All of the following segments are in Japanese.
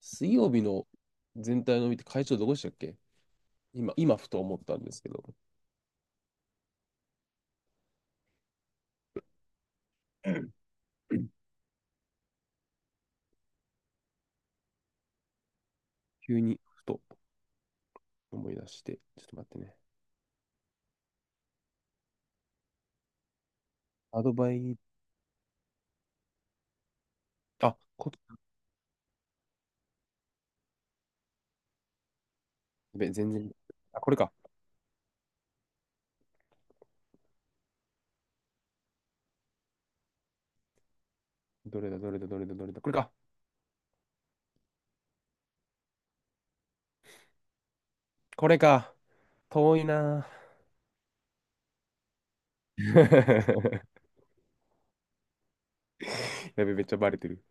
水曜日の全体の見て会長どこでしたっけ。今、今ふと思ったんですけど、急にふと思い出して、ちょっと待ってね。アドバイ、あ、こ、やべ、あ、これか。どれだ、どれだ、どれだ、どれだ、これか。これか。遠いなぁ。やべ、めっちゃバレてる。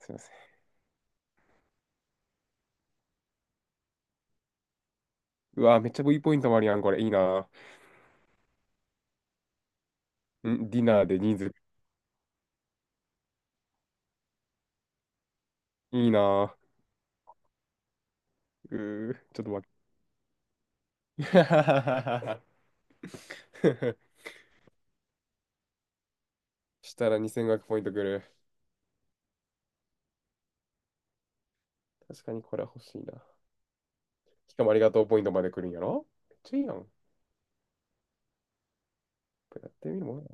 すいません。うわ、めっちゃ V ポイントもあるやん、これ。いいなぁ。んディナーで人数、いいなぁ。ちょっと待って。したら2500ポイントくる。確かにこれは欲しいな。しかもありがとうポイントまで来るんやろめっちゃいいやん。これやってみるもんや。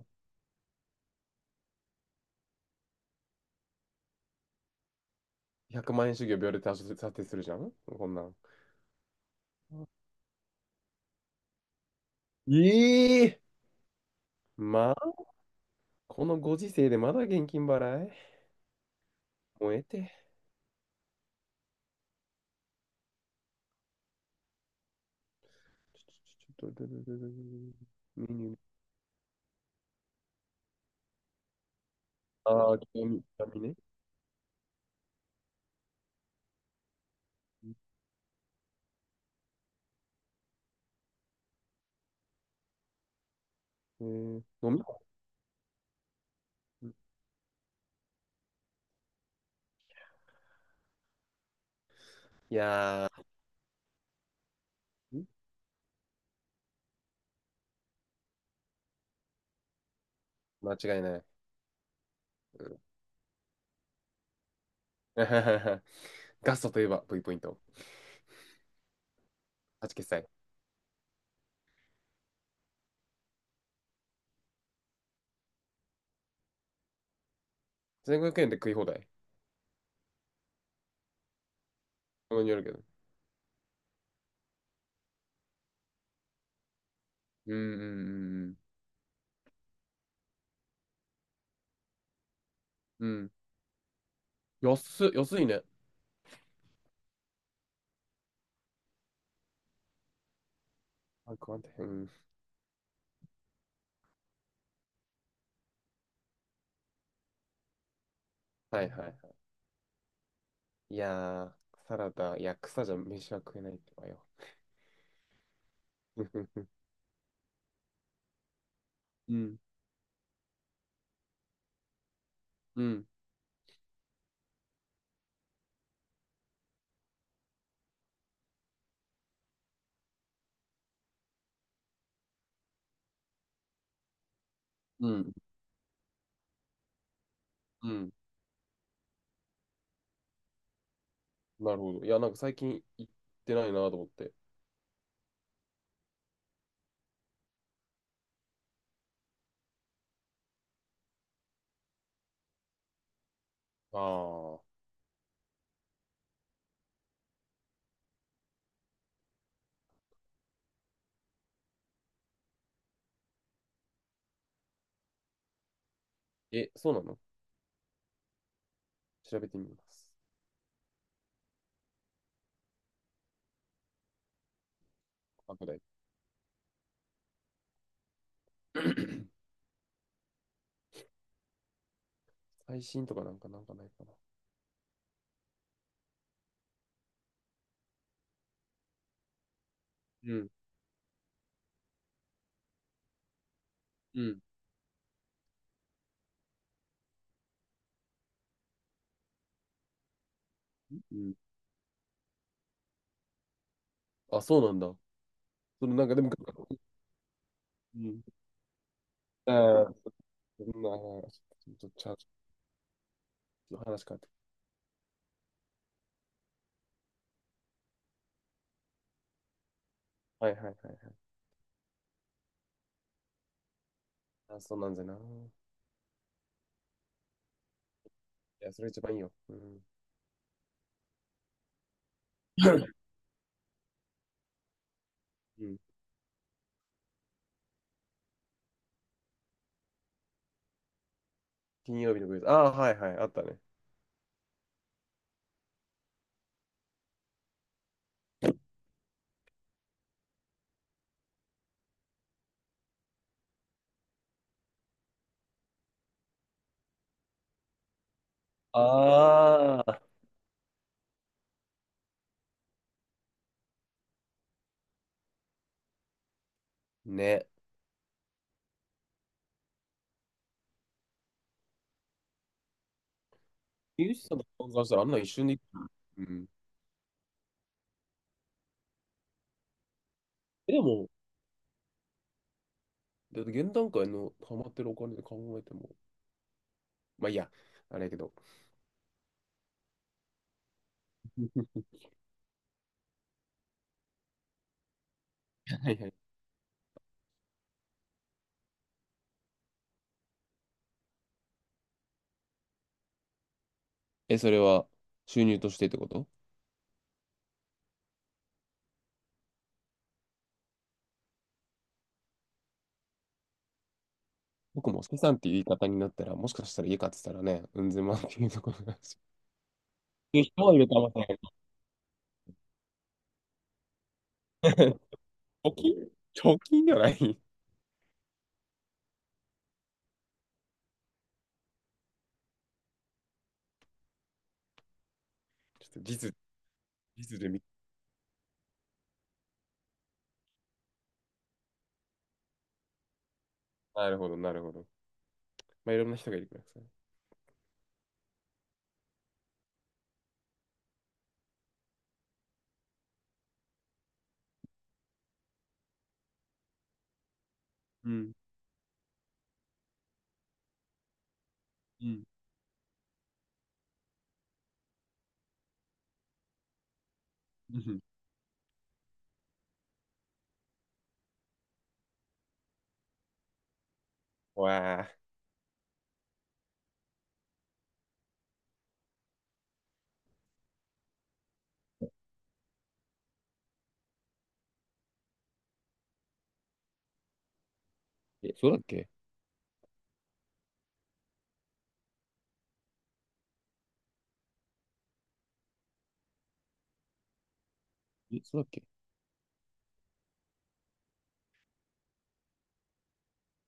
1万円主義を秒で達成するじゃんこんなん。ええ、まあ、このご時世でまだ現金払い燃えて。ちょちょちょちょちょちょちょちょメニュー。ああ、興味、興味ね。えー、飲みいやー、間違いない。うん。 ガストといえば V ポイント。8決済。1500円で食い放題。そこによるけど。うんうんうんうん。うん。安っ、安いね。あくまうん。はいはいはい。いやー、サラダ、いや、草じゃ飯は食えないってばよ。うん、うん、うん、うん。なるほど。いや、なんか最近行ってないなと思って。ああ。え、そうなの。調べてみます。後で。最新とかなんかなんかないかな。うん、うん、うん。あ、そうなんだ。そのなんかでも、うん。ああ、そんな、ちょっとチャージの話かって。はいはいはいはい。あ、そうなんじゃない。や、それ一番いいよ。うん。うん、金曜日のクイズ。ああ、はいはい、あったね。ああ、ね。ミュージシャンの考えしたらあんな一瞬でいく。うん。えでも、で、現段階のハマってるお金で考えても。まあいいや、あれやけど。はいはい。え、それは収入としてってこと。僕も資産っていう言い方になったら、もしかしたら家買ってたらね、うんぜまっていうところがあるし。人はいるかもしれない。貯金貯金ではない。ちょっと実、実で見、なるほど、なるほど。まあ、いろんな人がいるからさ。うん、うん、うん。わあ。え、そうだっけ。え、そうだっけ。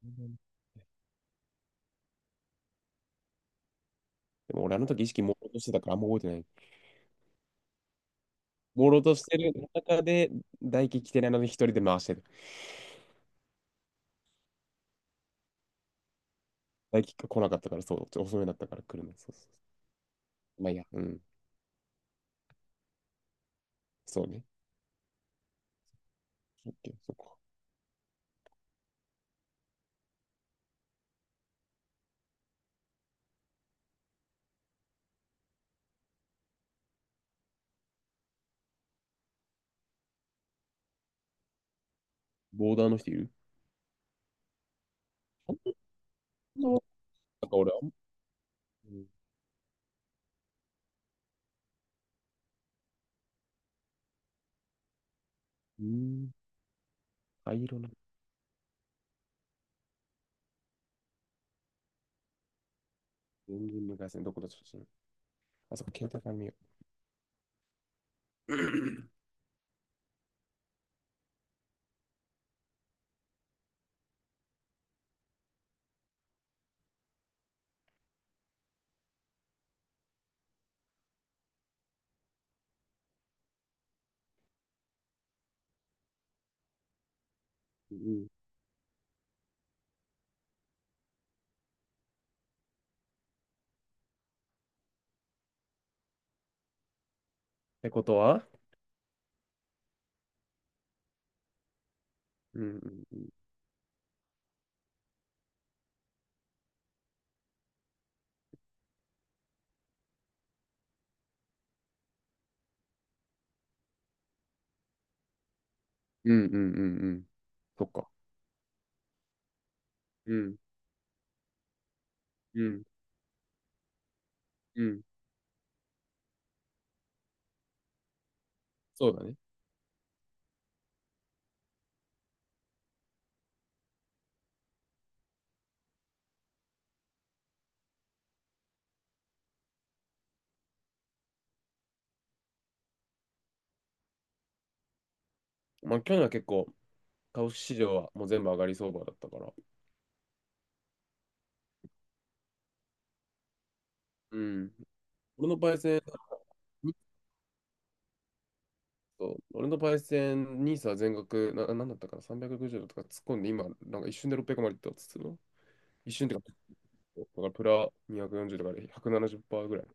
うん、でも俺あの時意識朦朧としてたからあんま覚えてない。朦朧としてる中で、大輝来てないのに一人で回してる。大輝が来なかったから、そう、ちょ遅めだったから来るの。そうそうそう。まあいいや、うん。そうね。オッケー、そっか。ボーダーの人いる。本当。なんか俺は、あん、うん、うーん。灰色な。全然無回線どこだ写真。あそこ、携帯から見よう。うんうん。ってことは、うんうんうん。うんうんうんうん。そっか。うんうんうん。そうだね。まあ、去年は結構、株式市場はもう全部上がり相場だったから。うん、俺のパイセン、そう俺のパイセン、ニーサは全額、な、なんだったかな、360度とか突っ込んで、今、なんか一瞬で600までいったっつうての。一瞬ってか、だからプラ240とかで170%ぐらい。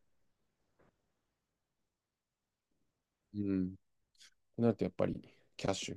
うん。ってなるとやっぱりキャッシュ。